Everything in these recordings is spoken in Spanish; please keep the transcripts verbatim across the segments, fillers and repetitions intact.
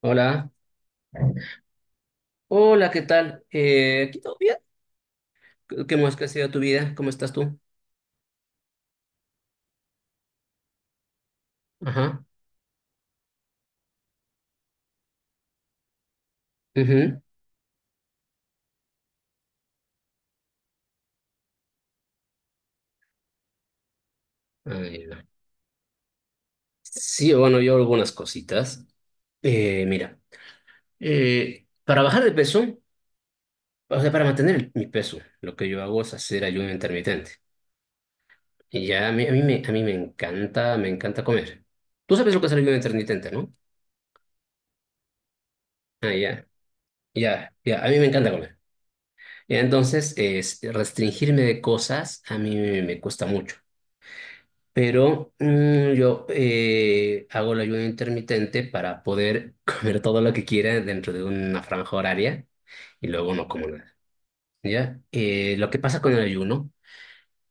Hola. Hola, ¿qué tal? Eh, ¿aquí todo bien? ¿Cómo es que ha sido tu vida? ¿Cómo estás tú? Ajá. Ujú. Ay, no. Sí, bueno, yo algunas cositas. Eh, mira, eh, para bajar de peso, o sea, para mantener el- mi peso, lo que yo hago es hacer ayuno intermitente. Y ya a mí, a mí me, a mí me encanta, me encanta comer. Tú sabes lo que es el ayuno intermitente, ¿no? Ah, ya, ya, ya, a mí me encanta comer. Y entonces, es, restringirme de cosas a mí me me cuesta mucho. Pero mm, yo eh, hago el ayuno intermitente para poder comer todo lo que quiera dentro de una franja horaria y luego no como nada. ¿Ya? Eh, lo que pasa con el ayuno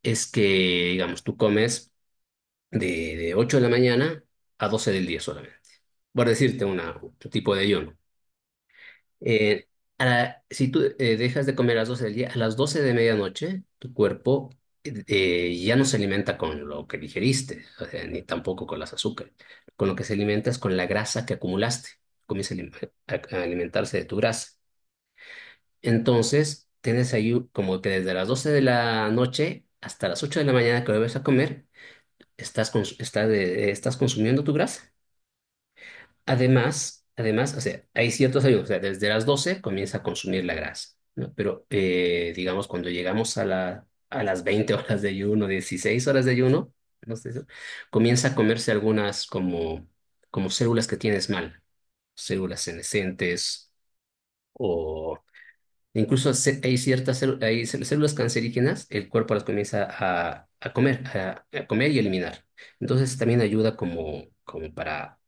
es que, digamos, tú comes de, de ocho de la mañana a doce del día solamente, por decirte una, un tipo de ayuno. Eh, a la- si tú eh, dejas de comer a las doce del día, a las doce de medianoche, tu cuerpo eh, eh, ya no se alimenta con lo que digeriste, o sea, ni tampoco con las azúcares. Con lo que se alimenta es con la grasa que acumulaste. Comienza a alim- a- a alimentarse de tu grasa. Entonces, tienes ahí u- como que desde las doce de la noche hasta las ocho de la mañana que vuelves a comer, estás, cons- estás, eh, estás consumiendo tu grasa. Además, además, o sea, hay ciertos ayunos, o sea, desde las doce comienza a consumir la grasa, ¿no? Pero, eh, digamos, cuando llegamos a la, a las veinte horas de ayuno, dieciséis horas de ayuno, no sé, ¿no? Comienza a comerse algunas como, como células que tienes mal, células senescentes o... Incluso ce- hay ciertas célu- hay cel- células cancerígenas, el cuerpo las comienza a, a comer, a, a comer y eliminar. Entonces también ayuda como, como para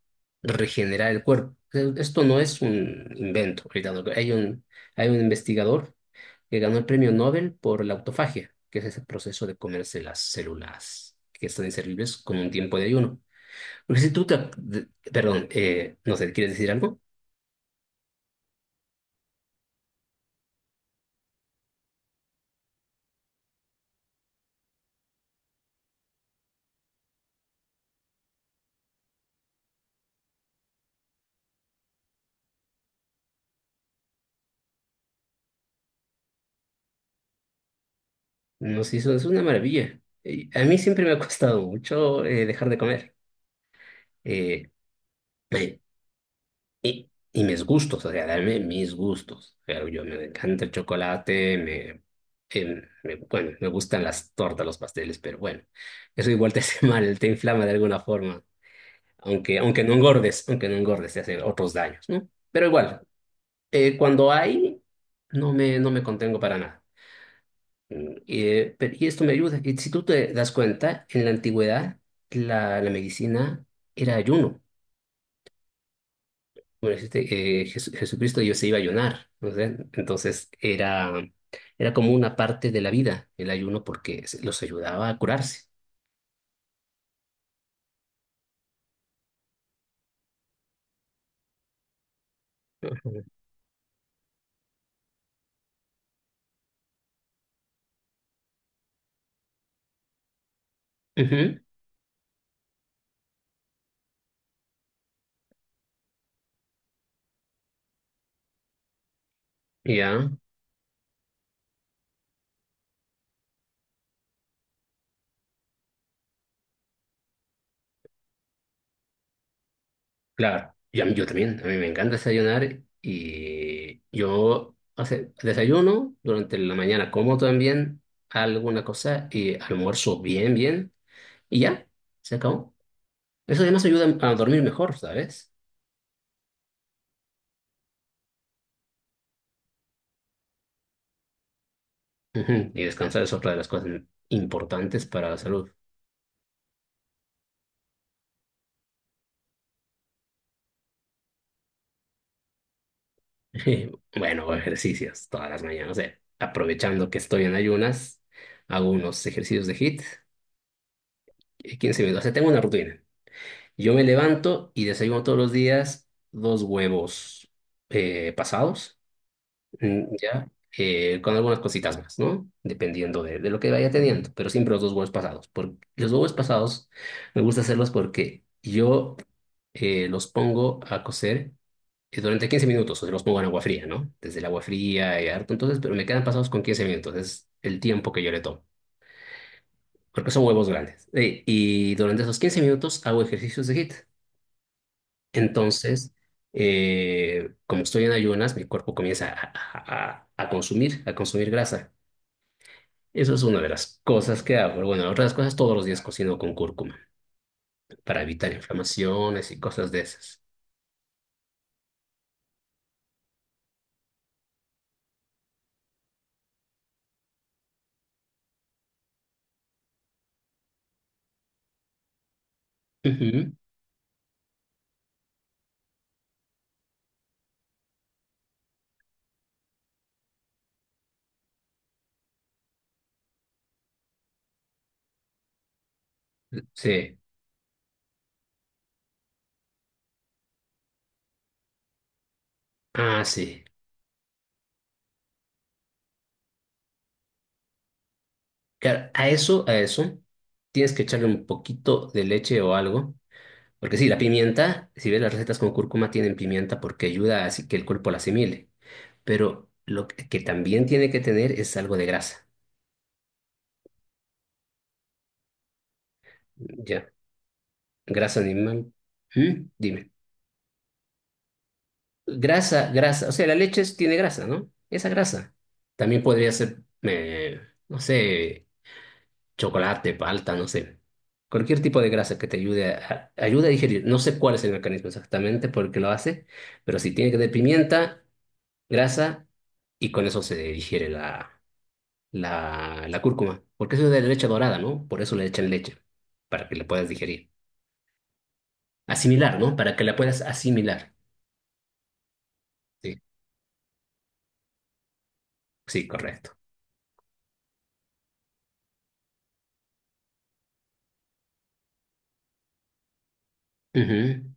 regenerar el cuerpo. Eh, Esto no es un invento. Ahorita no- Hay un, hay un investigador que ganó el premio Nobel por la autofagia, que es ese proceso de comerse las células que están inservibles con un tiempo de ayuno. Porque si tú te, de- perdón, eh, no sé, ¿quieres decir algo? Nos hizo, es una maravilla. Y a mí siempre me ha costado mucho eh, dejar de comer. Eh, me- y mis gustos, o sea, darme mis gustos. Pero yo me encanta el chocolate, me, em, me- bueno, me gustan las tortas, los pasteles, pero bueno, eso igual te hace mal, te inflama de alguna forma. Aunque, aunque no engordes, aunque no engordes, te hace otros daños, ¿no? Pero igual, eh, cuando hay, no me, no me contengo para nada. Mm, Eh, pero- y esto me ayuda, que si tú te das cuenta, en la antigüedad la, la medicina era ayuno. Bueno, este, eh, Jesu- Jesucristo yo se iba a ayunar, ¿no sé? Entonces era, era como una parte de la vida el ayuno porque se- los ayudaba a curarse. Ujú. Ujú. Ya, claro. Y a mí- yo también, a mí me encanta desayunar y yo, o sea, desayuno durante la mañana, como también alguna cosa y almuerzo bien, bien. Y ya, se acabó. Eso además ayuda a dormir mejor, ¿sabes? Ujú. Y descansar es otra de las cosas importantes para la salud. Bueno, hago ejercicios todas las mañanas. eh. Aprovechando que estoy en ayunas, hago unos ejercicios de HIIT, eh, quince minutos. O sea, tengo una rutina. Yo me levanto y desayuno todos los días dos huevos eh, pasados. Mm, Ya, eh, con algunas cositas más, ¿no? Dependiendo de, de lo que vaya teniendo, pero siempre los dos huevos pasados. Por los huevos pasados me gusta hacerlos porque yo eh, los pongo a cocer eh, durante quince minutos, o sea, los pongo en agua fría, ¿no? Desde el agua fría y harto, entonces, pero me quedan pasados con quince minutos, es el tiempo que yo le tomo, porque son huevos grandes. Eh, y durante esos quince minutos hago ejercicios de HIIT. Entonces eh, como estoy en ayunas, mi cuerpo comienza a, a- a- a consumir, a consumir grasa. Eso es una de las cosas que hago. Bueno, la otra de las cosas, todos los días cocino con cúrcuma para evitar inflamaciones y cosas de esas. Ujú. Sí. Ah, sí. Claro, a eso, a eso, tienes que echarle un poquito de leche o algo. Porque sí, la pimienta, si ves las recetas con cúrcuma, tienen pimienta porque ayuda a así que el cuerpo la asimile. Pero lo que que también tiene que tener es algo de grasa. Ya. Grasa animal. ¿Mm? Dime. Grasa, grasa, o sea, la leche es- tiene grasa, ¿no? Esa grasa. También podría ser, eh, no sé, chocolate, palta, no sé. Cualquier tipo de grasa que te ayude a, a- ayude a digerir. No sé cuál es el mecanismo exactamente por qué lo hace, pero sí tiene que tener pimienta, grasa, y con eso se digiere la, la, la cúrcuma. Porque eso es de leche dorada, ¿no? Por eso le echan leche, para que la puedas digerir. Asimilar, ¿no? Para que la puedas asimilar. Sí, sí, correcto. Ujú.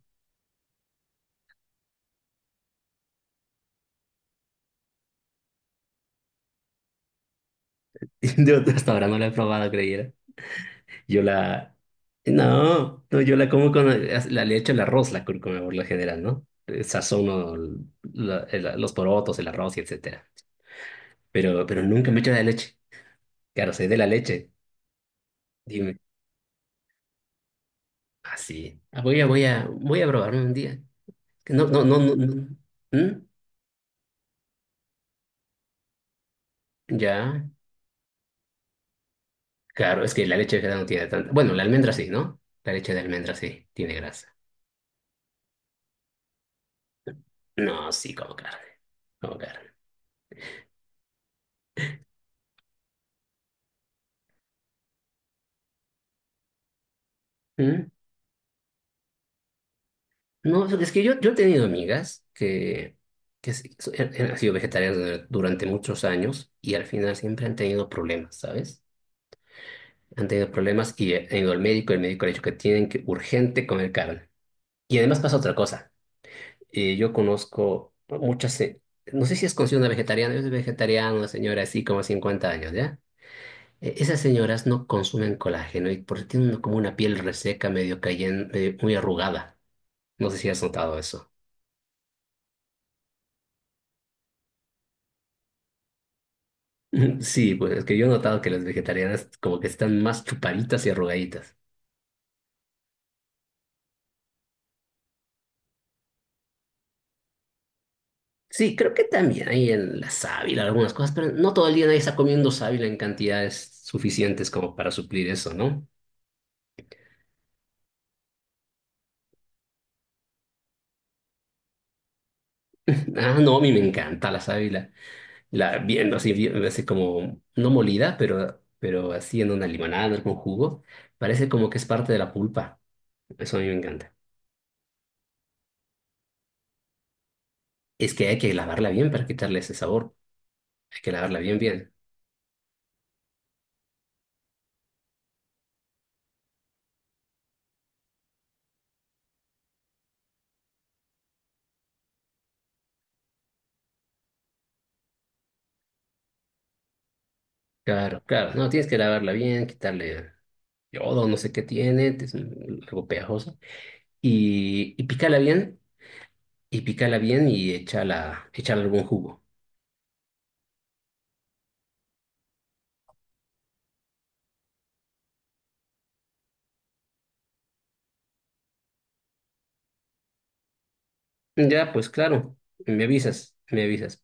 Yo hasta ahora no la he probado, creyera. Yo la... No, no, yo la como con... La, le echo el arroz, la cúrcuma por lo general, ¿no? Eh, sazono la- el- los porotos, el arroz y etcétera. Pero, pero nunca me echo la leche. Claro, soy de la leche. Dime. Así. voy a, voy a, voy a probarlo un día. Que no, no, no, no, no. ¿Mm? Ya. Claro, es que la leche de cebada no tiene tanta... Bueno, la almendra sí, ¿no? La leche de almendra sí, tiene grasa. No, sí, como carne. Como carne. ¿Mm? No, es que yo, yo he tenido amigas que, que s- so- han han sido vegetarianas dur- durante muchos años y al final siempre han tenido problemas, ¿sabes? Han tenido problemas y han ido al médico, el médico le ha dicho que tienen que urgente comer carne. Y además pasa otra cosa. Eh, yo conozco muchas, se- no sé si es considerada una vegetariana, es vegetariana, una señora así como cincuenta años, ¿ya? Eh, esas señoras no consumen colágeno y por eso tienen como una piel reseca, medio cayendo, muy arrugada. No sé si has notado eso. Sí, pues es que yo he notado que las vegetarianas como que están más chupaditas y arrugaditas. Sí, creo que también hay en la sábila algunas cosas, pero no todo el día nadie está comiendo sábila en cantidades suficientes como para suplir eso, ¿no? Ah, no, a mí me encanta la sábila. La viendo así, bien- así como, no molida, pero, pero así en una limonada, en un jugo, parece como que es parte de la pulpa. Eso a mí me encanta. Es que hay que lavarla bien para quitarle ese sabor. Hay que lavarla bien, bien. Claro, claro. No, tienes que lavarla bien, quitarle yodo, no sé qué tiene, es un- algo pegajoso. Y, y pícala bien, y pícala bien y échala, échala algún jugo. Ya, pues claro, me avisas, me avisas.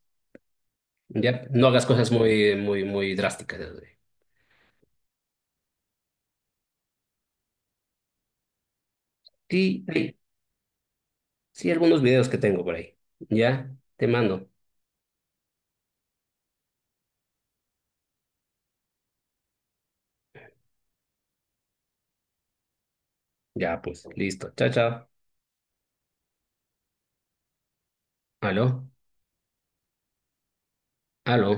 Ya, no hagas cosas muy, muy, muy drásticas. Ya. Sí, sí, sí, algunos videos que tengo por ahí. Ya, te mando. Ya, pues, listo. Chao, chao. Aló, aló.